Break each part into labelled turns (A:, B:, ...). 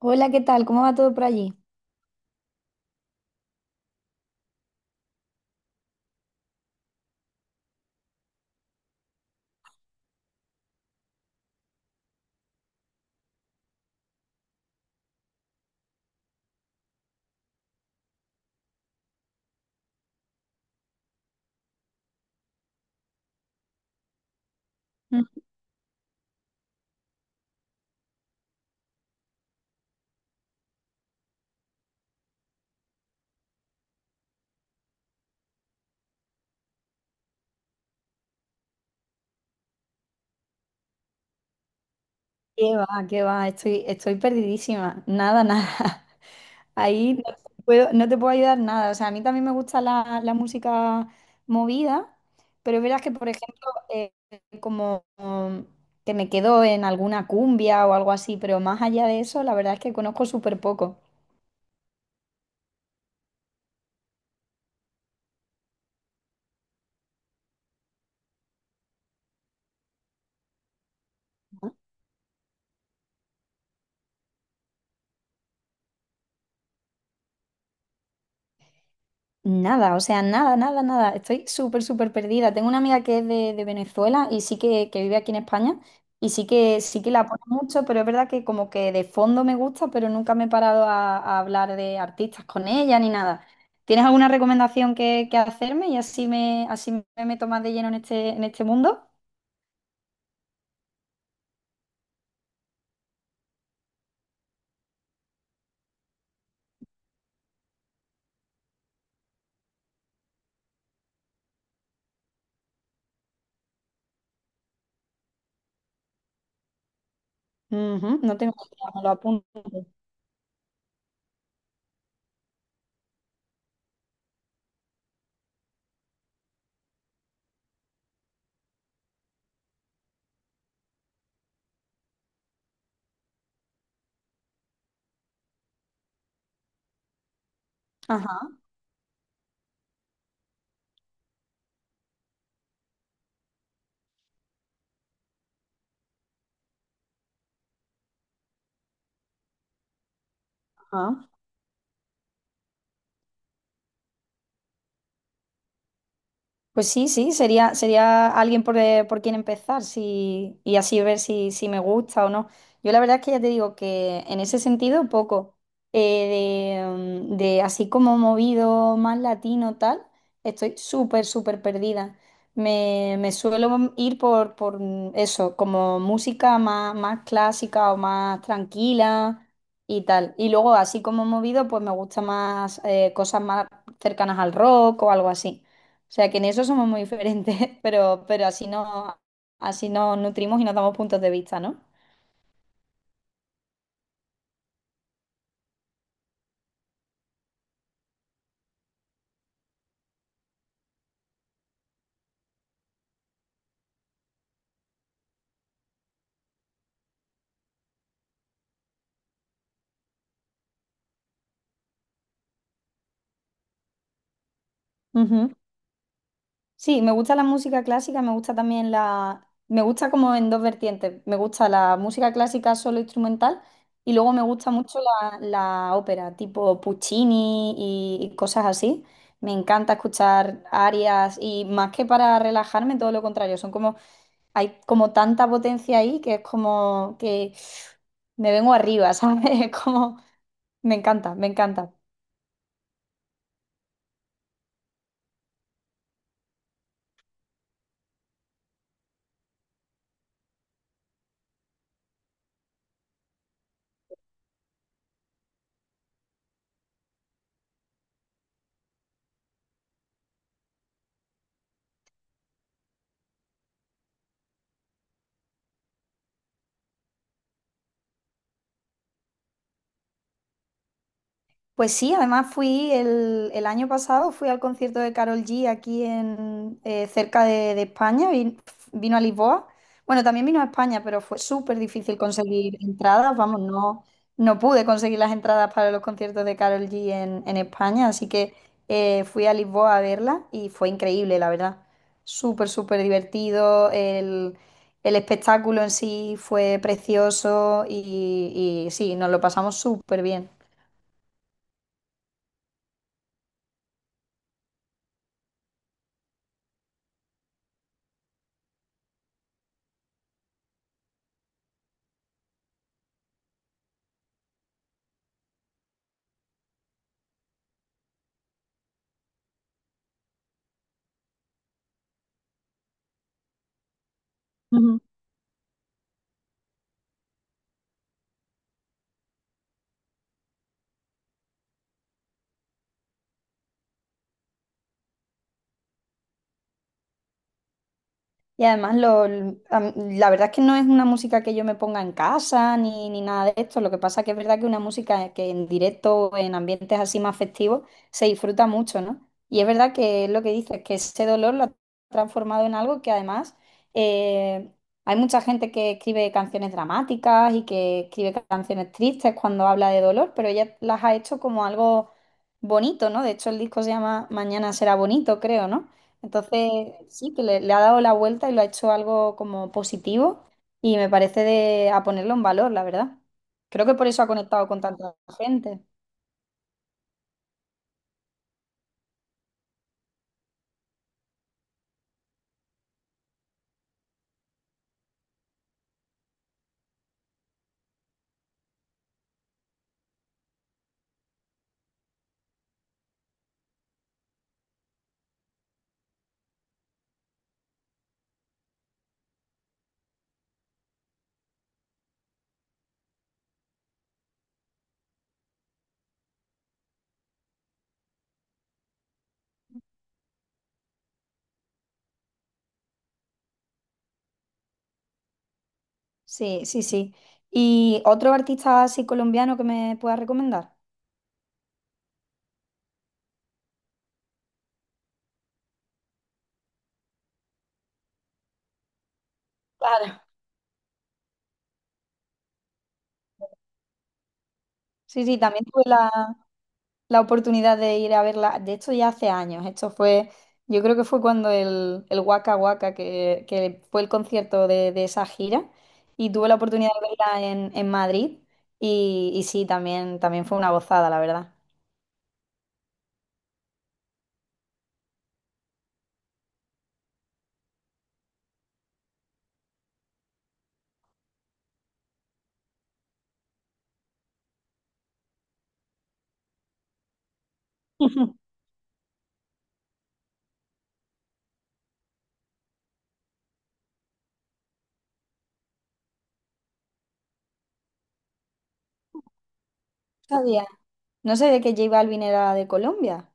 A: Hola, ¿qué tal? ¿Cómo va todo por allí? Mm. ¿Qué va? ¿Qué va? Estoy perdidísima. Nada, nada. Ahí no te puedo, no te puedo ayudar nada. O sea, a mí también me gusta la música movida, pero es verdad que, por ejemplo, eh, como um, que me quedo en alguna cumbia o algo así, pero más allá de eso, la verdad es que conozco súper poco. Nada, o sea, nada, nada, nada. Estoy súper, súper perdida. Tengo una amiga que es de Venezuela y sí que vive aquí en España y sí que la pone mucho, pero es verdad que como que de fondo me gusta, pero nunca me he parado a hablar de artistas con ella ni nada. ¿Tienes alguna recomendación que hacerme y así me meto más de lleno en este mundo? Ujú, no tengo idea, me lo apunto. Ajá, ajá. Pues sí, sí, sería, sería alguien por quien empezar si, y así ver si, si me gusta o no. Yo la verdad es que ya te digo que en ese sentido poco. Eh, de, de así como movido más latino tal, estoy súper, súper perdida. Me suelo ir por, por eso, como música más, más clásica o más tranquila y tal. Y luego así como movido, pues me gusta más cosas más cercanas al rock o algo así. O sea que en eso somos muy diferentes, pero así no, así nos nutrimos y nos damos puntos de vista, ¿no? Ujú. Sí, me gusta la música clásica, me gusta también la... Me gusta como en dos vertientes. Me gusta la música clásica solo instrumental y luego me gusta mucho la ópera, tipo Puccini y cosas así. Me encanta escuchar arias y más que para relajarme, todo lo contrario. Son como, hay como tanta potencia ahí que es como que me vengo arriba, ¿sabes? Es como, me encanta, me encanta. Pues sí, además fui el año pasado, fui al concierto de Carol G aquí en, cerca de España, vino a Lisboa. Bueno, también vino a España, pero fue súper difícil conseguir entradas, vamos, no, no pude conseguir las entradas para los conciertos de Carol G en España, así que fui a Lisboa a verla y fue increíble, la verdad. Súper, súper divertido, el espectáculo en sí fue precioso y sí, nos lo pasamos súper bien. Y además, la verdad es que no es una música que yo me ponga en casa ni, ni nada de esto. Lo que pasa que es verdad que una música que en directo o en ambientes así más festivos se disfruta mucho, ¿no? Y es verdad que es lo que dices, que ese dolor lo ha transformado en algo que además eh, hay mucha gente que escribe canciones dramáticas y que escribe canciones tristes cuando habla de dolor, pero ella las ha hecho como algo bonito, ¿no? De hecho, el disco se llama Mañana será bonito, creo, ¿no? Entonces, sí, que le ha dado la vuelta y lo ha hecho algo como positivo y me parece de, a ponerlo en valor, la verdad. Creo que por eso ha conectado con tanta gente. Sí, sí, sí. ¿Y otro artista así colombiano que me pueda recomendar? Claro. Sí, sí, también tuve la, la oportunidad de ir a verla. De hecho, ya hace años. Esto fue, yo creo que fue cuando el Waka Waka, que fue el concierto de esa gira, y tuve la oportunidad de verla en Madrid. Y sí, también, también fue una gozada, la verdad. No sabía, no sabía que J Balvin era de Colombia.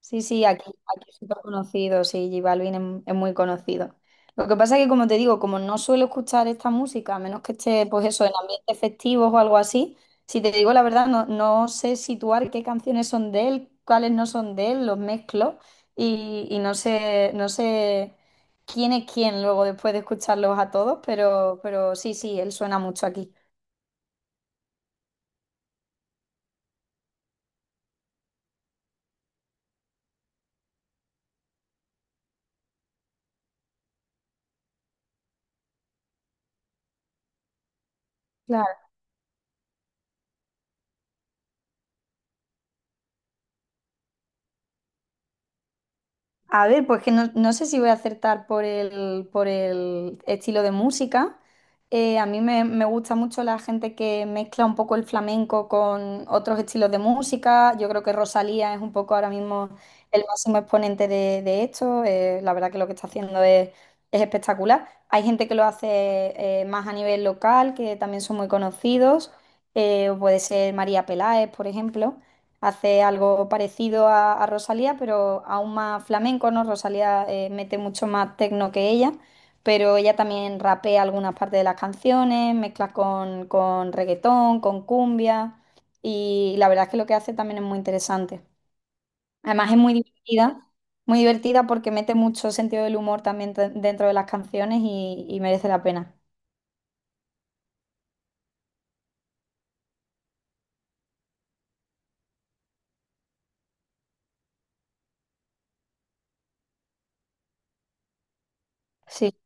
A: Sí, sí, aquí, aquí es súper conocido, sí, J Balvin es muy conocido. Lo que pasa es que, como te digo, como no suelo escuchar esta música, a menos que esté, pues eso, en ambientes festivos o algo así, si te digo la verdad, no, no sé situar qué canciones son de él, cuáles no son de él, los mezclo y no sé, no sé quién es quién luego después de escucharlos a todos, pero sí, sí, él suena mucho aquí. A ver, pues que no, no sé si voy a acertar por el estilo de música. A mí me, me gusta mucho la gente que mezcla un poco el flamenco con otros estilos de música. Yo creo que Rosalía es un poco ahora mismo el máximo exponente de esto. La verdad que lo que está haciendo es espectacular. Hay gente que lo hace más a nivel local, que también son muy conocidos. Puede ser María Peláez, por ejemplo hace algo parecido a Rosalía, pero aún más flamenco, ¿no? Rosalía mete mucho más tecno que ella, pero ella también rapea algunas partes de las canciones, mezcla con reggaetón, con cumbia, y la verdad es que lo que hace también es muy interesante. Además es muy divertida porque mete mucho sentido del humor también dentro de las canciones y merece la pena. Sí,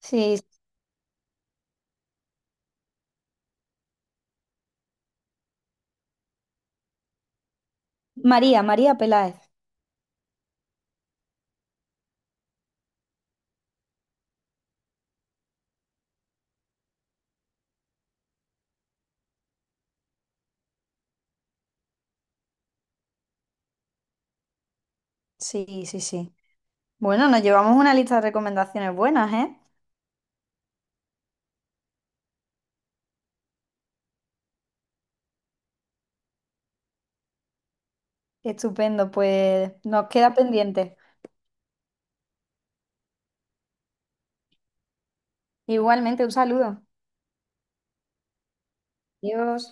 A: sí. María, María Peláez. Sí, sí, sí. Bueno, nos llevamos una lista de recomendaciones buenas, ¿eh? Estupendo, pues nos queda pendiente. Igualmente, un saludo. Adiós.